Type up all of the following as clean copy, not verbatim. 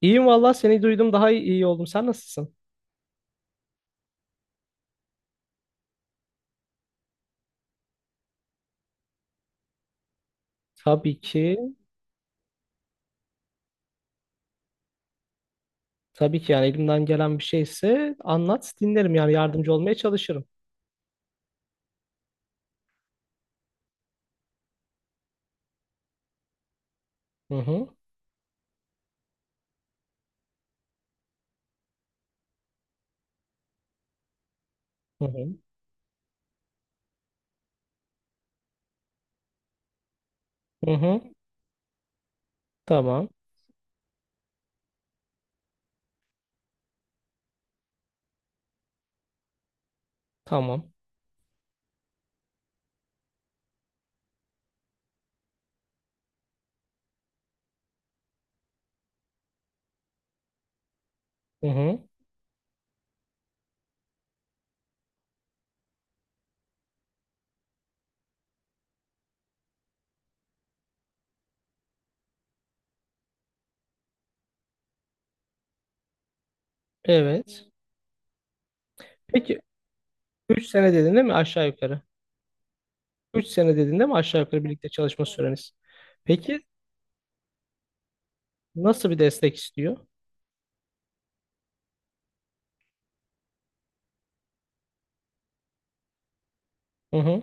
İyiyim valla seni duydum daha iyi oldum. Sen nasılsın? Tabii ki. Tabii ki, yani elimden gelen bir şeyse anlat dinlerim, yani yardımcı olmaya çalışırım. Hı hı. Hı hı. Hı hı. Tamam. Tamam. Hı hı. Evet. Peki, 3 sene dedin değil mi aşağı yukarı? 3 sene dedin değil mi aşağı yukarı birlikte çalışma süreniz? Peki, nasıl bir destek istiyor? Hı hı.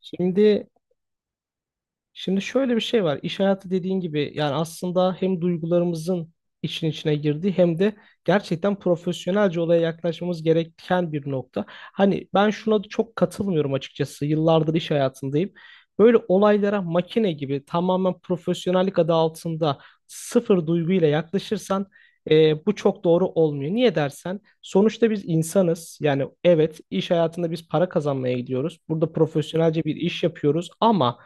Şimdi Şimdi şöyle bir şey var. İş hayatı, dediğin gibi, yani aslında hem duygularımızın içine girdiği hem de gerçekten profesyonelce olaya yaklaşmamız gereken bir nokta. Hani ben şuna da çok katılmıyorum açıkçası. Yıllardır iş hayatındayım. Böyle olaylara makine gibi tamamen profesyonellik adı altında sıfır duyguyla yaklaşırsan bu çok doğru olmuyor. Niye dersen, sonuçta biz insanız. Yani evet, iş hayatında biz para kazanmaya gidiyoruz. Burada profesyonelce bir iş yapıyoruz ama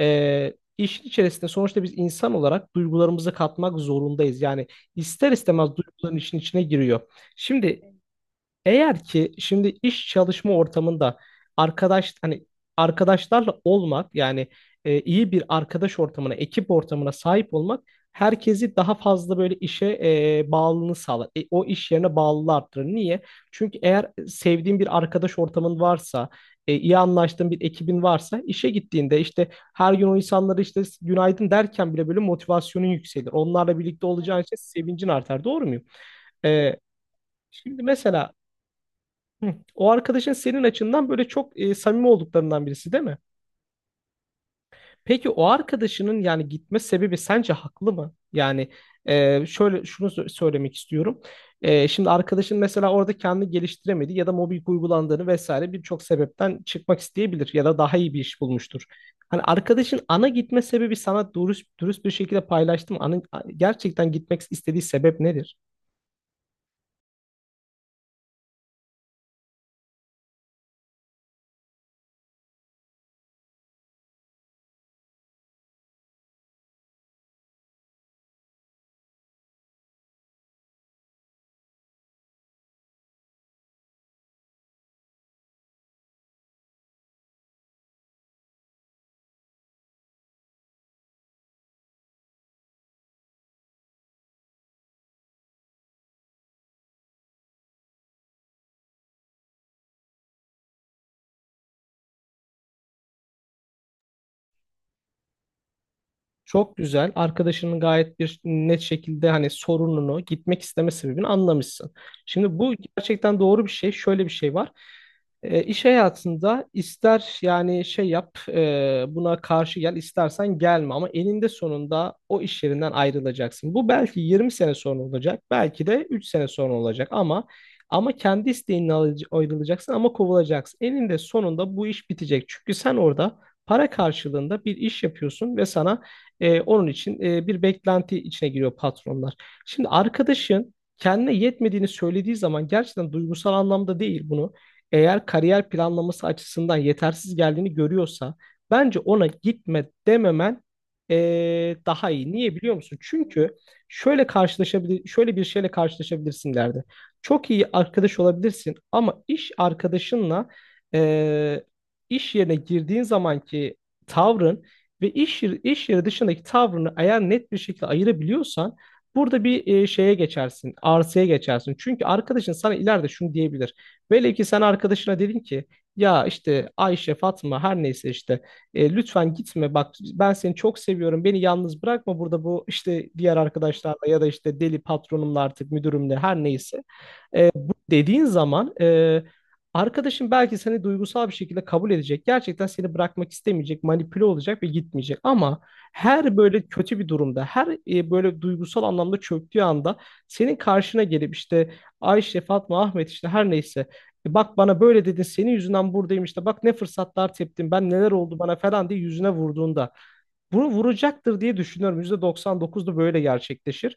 işin içerisinde sonuçta biz insan olarak duygularımızı katmak zorundayız. Yani ister istemez duyguların işin içine giriyor. Şimdi eğer ki şimdi iş çalışma ortamında hani arkadaşlarla olmak, yani iyi bir arkadaş ortamına, ekip ortamına sahip olmak herkesi daha fazla böyle işe bağlılığını sağlar. O iş yerine bağlılığı arttırır. Niye? Çünkü eğer sevdiğin bir arkadaş ortamın varsa, iyi anlaştığın bir ekibin varsa işe gittiğinde işte her gün o insanlara işte günaydın derken bile böyle motivasyonun yükselir. Onlarla birlikte olacağın için sevincin artar. Doğru muyum? E, Şimdi mesela Hı. O arkadaşın senin açından böyle çok samimi olduklarından birisi değil mi? Peki o arkadaşının yani gitme sebebi sence haklı mı? Yani şöyle şunu söylemek istiyorum. E, şimdi arkadaşın mesela orada kendini geliştiremedi ya da mobbing uygulandığını vesaire birçok sebepten çıkmak isteyebilir ya da daha iyi bir iş bulmuştur. Hani arkadaşın ana gitme sebebi sana dürüst dürüst bir şekilde paylaştım. Ana, gerçekten gitmek istediği sebep nedir? Çok güzel. Arkadaşının gayet bir net şekilde hani sorununu, gitmek isteme sebebini anlamışsın. Şimdi bu gerçekten doğru bir şey. Şöyle bir şey var. E, iş hayatında, ister yani şey yap, buna karşı gel, istersen gelme, ama eninde sonunda o iş yerinden ayrılacaksın. Bu belki 20 sene sonra olacak, belki de 3 sene sonra olacak, ama kendi isteğinle ayrılacaksın ama kovulacaksın. Eninde sonunda bu iş bitecek. Çünkü sen orada para karşılığında bir iş yapıyorsun ve sana onun için bir beklenti içine giriyor patronlar. Şimdi arkadaşın kendine yetmediğini söylediği zaman, gerçekten duygusal anlamda değil bunu. Eğer kariyer planlaması açısından yetersiz geldiğini görüyorsa, bence ona gitme dememen e, daha iyi. Niye biliyor musun? Çünkü şöyle karşılaşabilir, şöyle bir şeyle karşılaşabilirsin derdi. Çok iyi arkadaş olabilirsin ama iş arkadaşınla e, iş yerine girdiğin zamanki tavrın ve iş yeri dışındaki tavrını eğer net bir şekilde ayırabiliyorsan, burada bir şeye geçersin, arsaya geçersin. Çünkü arkadaşın sana ileride şunu diyebilir. Velev ki sen arkadaşına dedin ki, ya işte Ayşe, Fatma her neyse, işte lütfen gitme, bak ben seni çok seviyorum, beni yalnız bırakma burada bu işte, diğer arkadaşlarla ya da işte deli patronumla, artık müdürümle her neyse. Bu dediğin zaman arkadaşın belki seni duygusal bir şekilde kabul edecek. Gerçekten seni bırakmak istemeyecek, manipüle olacak ve gitmeyecek. Ama her böyle kötü bir durumda, her böyle duygusal anlamda çöktüğü anda, senin karşına gelip işte Ayşe, Fatma, Ahmet işte her neyse, "E bak, bana böyle dedin, senin yüzünden buradayım işte, bak ne fırsatlar teptim, ben neler oldu bana" falan diye yüzüne vurduğunda, bunu vuracaktır diye düşünüyorum. %99 da böyle gerçekleşir.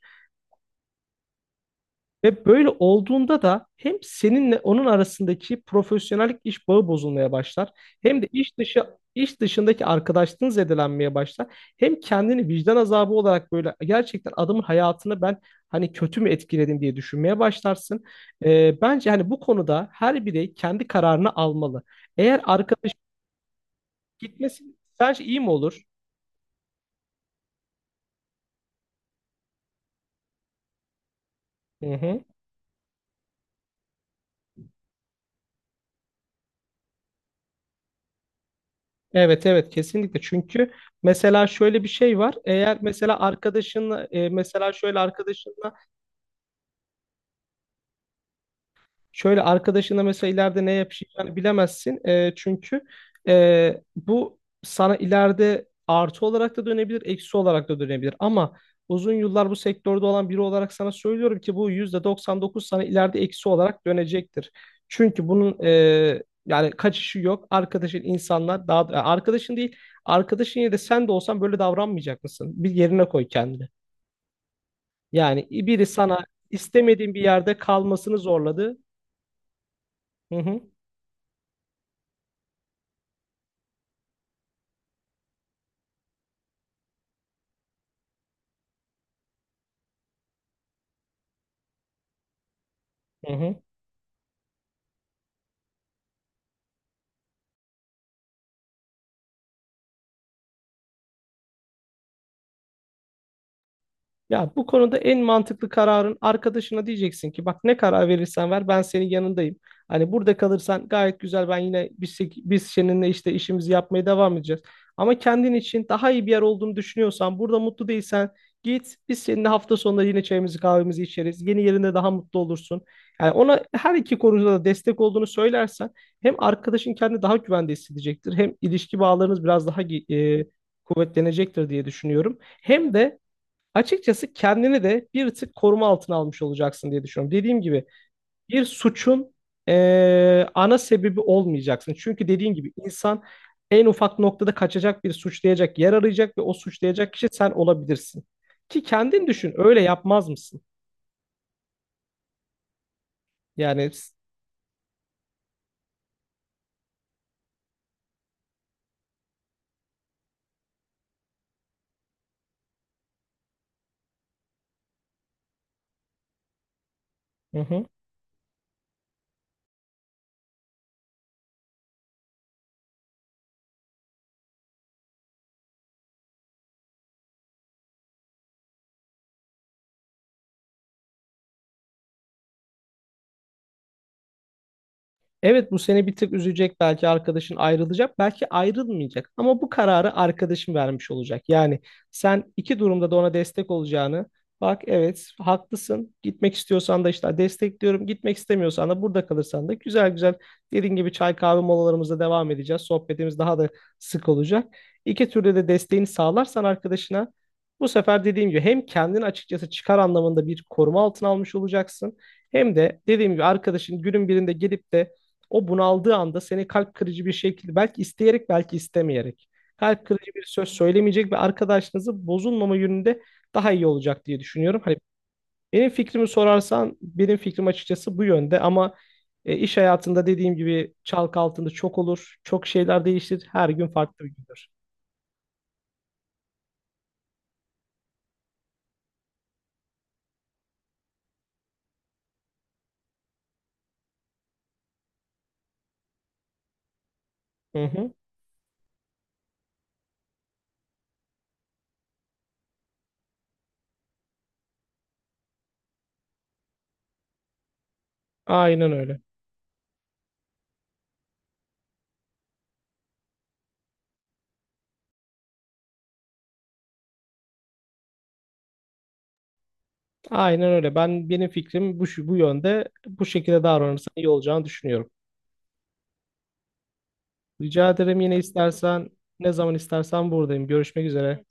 Ve böyle olduğunda da hem seninle onun arasındaki profesyonellik, iş bağı bozulmaya başlar. Hem de iş dışındaki arkadaşlığın zedelenmeye başlar. Hem kendini vicdan azabı olarak, böyle gerçekten adamın hayatını ben hani kötü mü etkiledim diye düşünmeye başlarsın. Bence hani bu konuda her birey kendi kararını almalı. Eğer arkadaş gitmesin sence iyi mi olur? Hı hı. Evet, evet, kesinlikle. Çünkü mesela şöyle bir şey var, eğer mesela arkadaşınla e, mesela şöyle arkadaşınla şöyle arkadaşına mesela ileride ne yapacağını yani bilemezsin. Çünkü bu sana ileride artı olarak da dönebilir, eksi olarak da dönebilir. Ama uzun yıllar bu sektörde olan biri olarak sana söylüyorum ki bu %99 sana ileride eksi olarak dönecektir. Çünkü bunun yani kaçışı yok. Arkadaşın insanlar daha arkadaşın değil, arkadaşın, yine de sen de olsan böyle davranmayacak mısın? Bir yerine koy kendini. Yani biri sana istemediğin bir yerde kalmasını zorladı. Hı hı. Hı hı. Ya bu konuda en mantıklı kararın, arkadaşına diyeceksin ki, bak ne karar verirsen ver ben senin yanındayım. Hani burada kalırsan gayet güzel, ben yine biz seninle işte işimizi yapmaya devam edeceğiz. Ama kendin için daha iyi bir yer olduğunu düşünüyorsan, burada mutlu değilsen git, biz seninle hafta sonunda yine çayımızı kahvemizi içeriz. Yeni yerinde daha mutlu olursun. Yani ona her iki konuda da destek olduğunu söylersen, hem arkadaşın kendini daha güvende hissedecektir, hem ilişki bağlarınız biraz daha e, kuvvetlenecektir diye düşünüyorum. Hem de açıkçası kendini de bir tık koruma altına almış olacaksın diye düşünüyorum. Dediğim gibi, bir suçun ana sebebi olmayacaksın. Çünkü dediğim gibi insan en ufak noktada kaçacak bir suçlayacak yer arayacak ve o suçlayacak kişi sen olabilirsin. Ki kendin düşün, öyle yapmaz mısın? Yani. Hı hı. Evet, bu seni bir tık üzecek, belki arkadaşın ayrılacak, belki ayrılmayacak, ama bu kararı arkadaşın vermiş olacak. Yani sen iki durumda da ona destek olacağını, bak evet haklısın, gitmek istiyorsan da işte destekliyorum, gitmek istemiyorsan da burada kalırsan da güzel güzel, dediğin gibi çay kahve molalarımızda devam edeceğiz, sohbetimiz daha da sık olacak. İki türlü de desteğini sağlarsan arkadaşına, bu sefer dediğim gibi hem kendini açıkçası çıkar anlamında bir koruma altına almış olacaksın. Hem de dediğim gibi arkadaşın günün birinde gelip de, o bunaldığı anda seni kalp kırıcı bir şekilde, belki isteyerek belki istemeyerek kalp kırıcı bir söz söylemeyecek ve arkadaşınızı bozulmama yönünde daha iyi olacak diye düşünüyorum. Hani benim fikrimi sorarsan, benim fikrim açıkçası bu yönde, ama iş hayatında dediğim gibi çalk altında çok olur. Çok şeyler değişir. Her gün farklı bir gündür. Hı hı. Aynen öyle. Aynen öyle. Benim fikrim bu yönde. Bu şekilde davranırsan iyi olacağını düşünüyorum. Rica ederim, yine istersen ne zaman istersen buradayım. Görüşmek üzere.